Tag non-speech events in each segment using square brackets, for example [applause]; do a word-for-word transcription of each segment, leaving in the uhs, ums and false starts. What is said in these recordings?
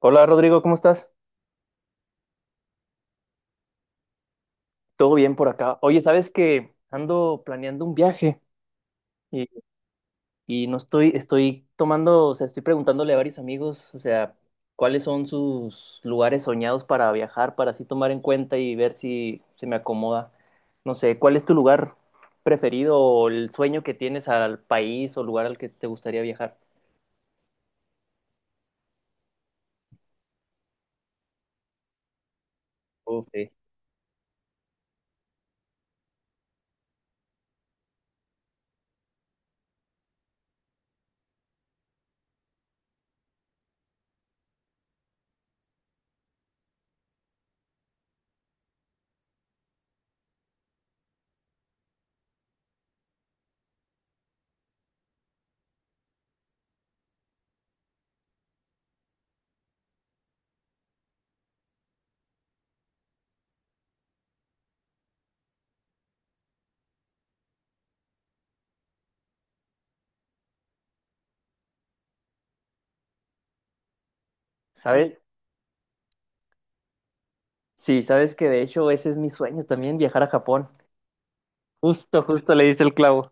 Hola Rodrigo, ¿cómo estás? ¿Todo bien por acá? Oye, ¿sabes que ando planeando un viaje y, y no estoy, estoy tomando, o sea, estoy preguntándole a varios amigos, o sea, cuáles son sus lugares soñados para viajar, para así tomar en cuenta y ver si se me acomoda. No sé, ¿cuál es tu lugar preferido o el sueño que tienes al país o lugar al que te gustaría viajar? Uf, sí. ¿Sabes? Sí, sabes que de hecho ese es mi sueño también, viajar a Japón. Justo, justo le diste el clavo.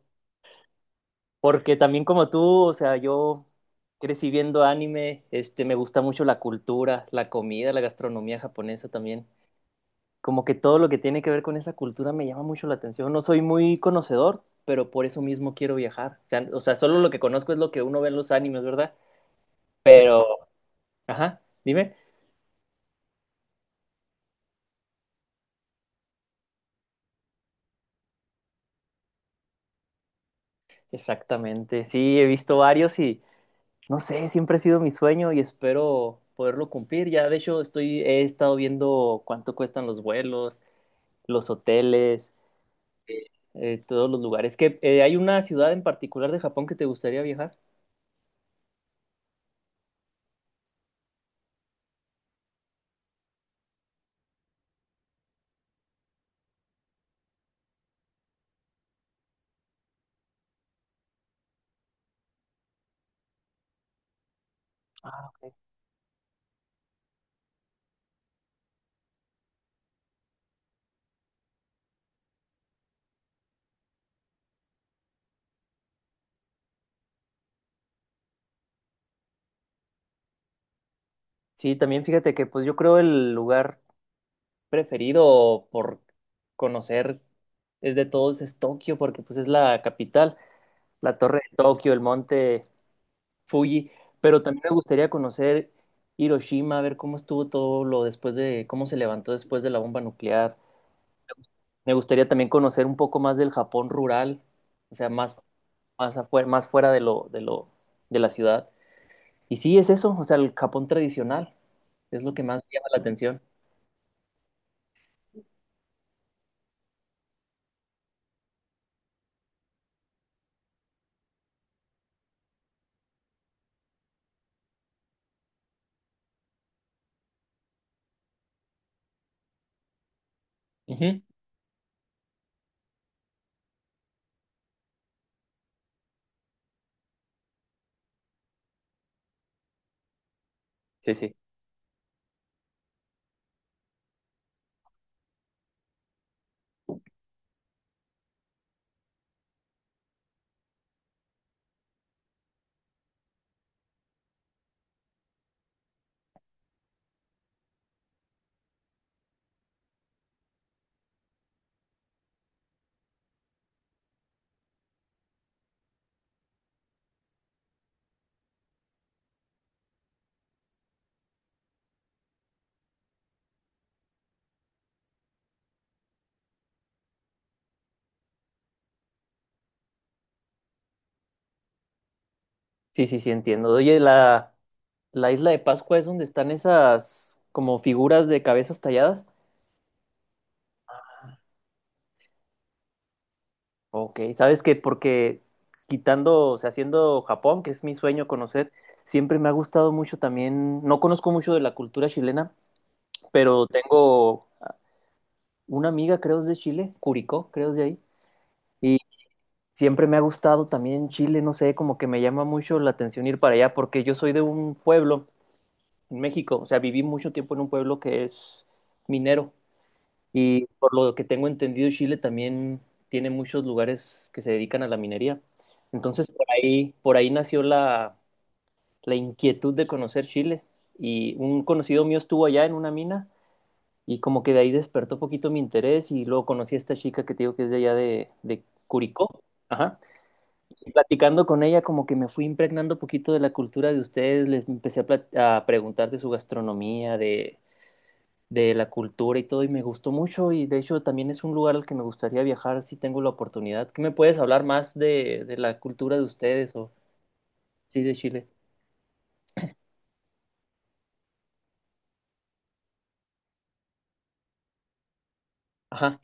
Porque también como tú, o sea, yo crecí viendo anime, este, me gusta mucho la cultura, la comida, la gastronomía japonesa también. Como que todo lo que tiene que ver con esa cultura me llama mucho la atención. No soy muy conocedor, pero por eso mismo quiero viajar. O sea, o sea, solo lo que conozco es lo que uno ve en los animes, ¿verdad? Pero, ajá, dime. Exactamente. Sí, he visto varios y no sé, siempre ha sido mi sueño y espero poderlo cumplir. Ya, de hecho, estoy, he estado viendo cuánto cuestan los vuelos los hoteles, eh, todos los lugares. ¿Que eh, hay una ciudad en particular de Japón que te gustaría viajar? Ah, sí, también fíjate que pues yo creo el lugar preferido por conocer es de todos es Tokio, porque pues es la capital, la torre de Tokio, el monte Fuji, pero también me gustaría conocer Hiroshima, ver cómo estuvo todo lo después de, cómo se levantó después de la bomba nuclear. Me gustaría también conocer un poco más del Japón rural, o sea, más, más afuera, más fuera de lo, de lo, de la ciudad. Y sí, es eso, o sea, el Japón tradicional es lo que más me llama la atención. Ujú. Sí, sí, sí, sí, sí, entiendo. Oye, la, la isla de Pascua es donde están esas como figuras de cabezas talladas. Ok, ¿sabes qué? Porque quitando, o sea, haciendo Japón, que es mi sueño conocer, siempre me ha gustado mucho también, no conozco mucho de la cultura chilena, pero tengo una amiga, creo, es de Chile, Curicó, creo, es de ahí. Siempre me ha gustado también Chile, no sé, como que me llama mucho la atención ir para allá, porque yo soy de un pueblo en México, o sea, viví mucho tiempo en un pueblo que es minero y por lo que tengo entendido, Chile también tiene muchos lugares que se dedican a la minería. Entonces, por ahí, por ahí nació la, la inquietud de conocer Chile y un conocido mío estuvo allá en una mina y como que de ahí despertó poquito mi interés y luego conocí a esta chica que te digo que es de allá de, de Curicó. Ajá. Y platicando con ella, como que me fui impregnando poquito de la cultura de ustedes, les empecé a, plat- a preguntar de su gastronomía, de, de la cultura y todo, y me gustó mucho, y de hecho también es un lugar al que me gustaría viajar si tengo la oportunidad. ¿Qué me puedes hablar más de, de la cultura de ustedes o sí de Chile? Ajá,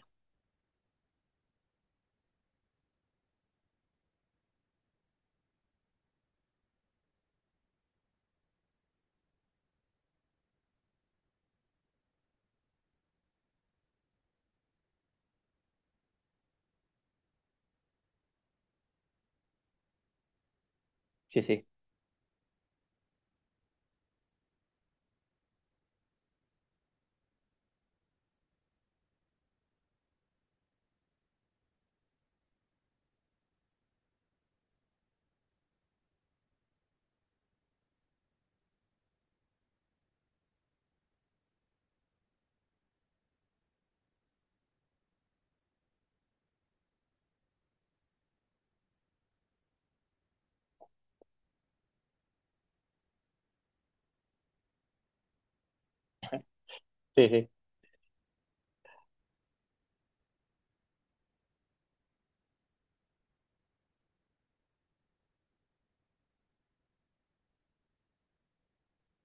sí, sí, sí, sí.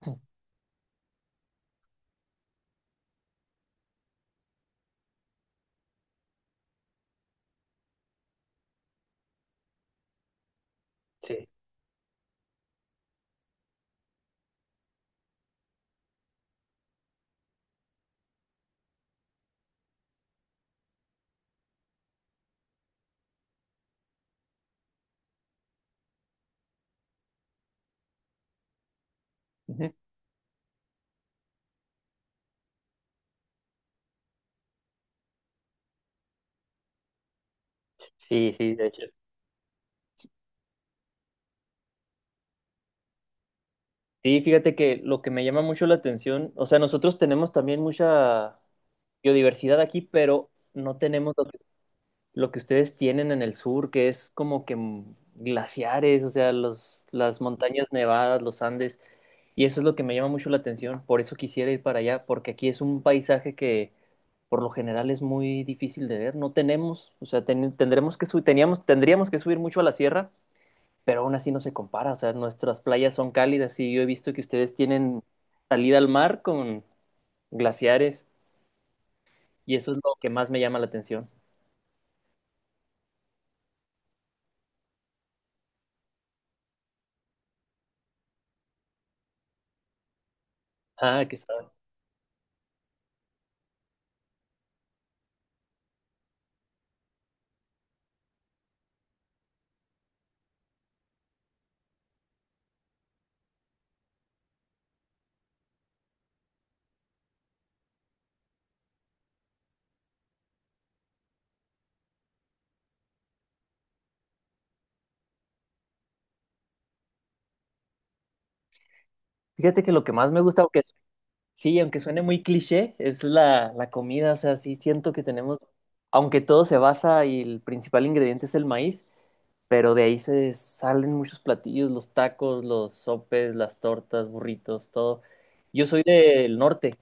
[clears throat] Sí. Ujú. Sí, sí, de hecho. Sí, fíjate que lo que me llama mucho la atención, o sea, nosotros tenemos también mucha biodiversidad aquí, pero no tenemos lo que ustedes tienen en el sur, que es como que mm, glaciares, o sea, los, las montañas nevadas, los Andes, y eso es lo que me llama mucho la atención, por eso quisiera ir para allá, porque aquí es un paisaje que por lo general es muy difícil de ver, no tenemos, o sea, ten- tendremos que subir, teníamos, tendríamos que subir mucho a la sierra, pero aún así no se compara, o sea, nuestras playas son cálidas y yo he visto que ustedes tienen salida al mar con glaciares, y eso es lo que más me llama la atención. Ah, que sabe. Fíjate que lo que más me gusta, aunque sí, aunque suene muy cliché, es la, la comida, o sea, sí siento que tenemos, aunque todo se basa y el principal ingrediente es el maíz, pero de ahí se salen muchos platillos, los tacos, los sopes, las tortas, burritos, todo. Yo soy del norte,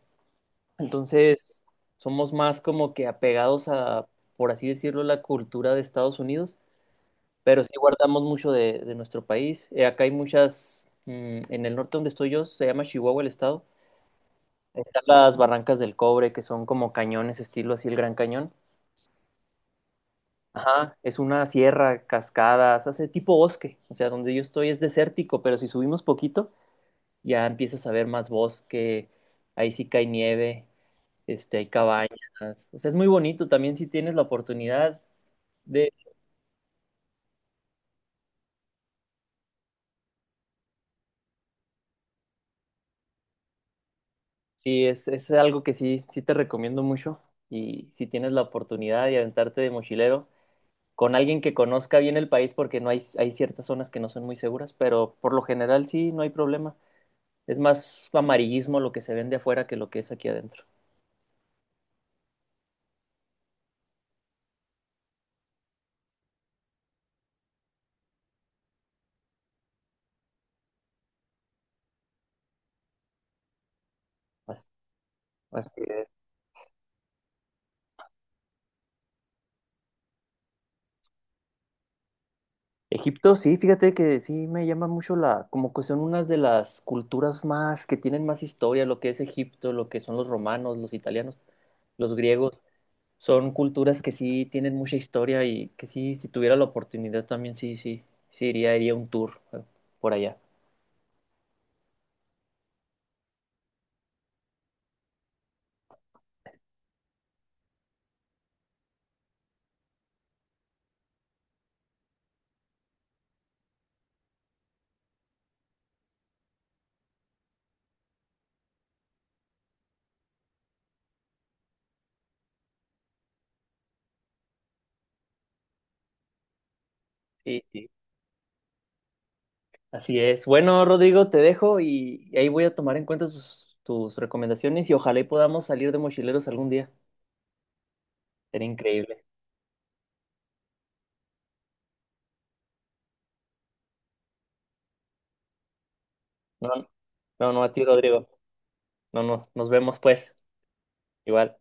entonces somos más como que apegados a, por así decirlo, la cultura de Estados Unidos, pero sí guardamos mucho de, de nuestro país. Eh, acá hay muchas, mm, en el norte donde estoy yo, se llama Chihuahua el estado. Están las Barrancas del Cobre, que son como cañones, estilo así el Gran Cañón. Ajá, es una sierra, cascadas, hace tipo bosque. O sea, donde yo estoy es desértico, pero si subimos poquito, ya empiezas a ver más bosque. Ahí sí cae nieve, este, hay cabañas. O sea, es muy bonito también si tienes la oportunidad de... Sí, es, es algo que sí, sí te recomiendo mucho. Y si tienes la oportunidad de aventarte de mochilero, con alguien que conozca bien el país porque no hay, hay ciertas zonas que no son muy seguras, pero por lo general sí, no hay problema. Es más amarillismo lo que se vende afuera que lo que es aquí adentro. Así, así es. Egipto, sí, fíjate que sí me llama mucho la, como que son unas de las culturas más, que tienen más historia, lo que es Egipto, lo que son los romanos, los italianos, los griegos, son culturas que sí tienen mucha historia y que sí, si tuviera la oportunidad también sí, sí, sí iría, iría un tour eh, por allá. Sí, sí. Así es. Bueno, Rodrigo, te dejo y ahí voy a tomar en cuenta tus, tus recomendaciones y ojalá y podamos salir de mochileros algún día. Sería increíble. No, no, no a ti, Rodrigo. No, no, nos vemos pues. Igual.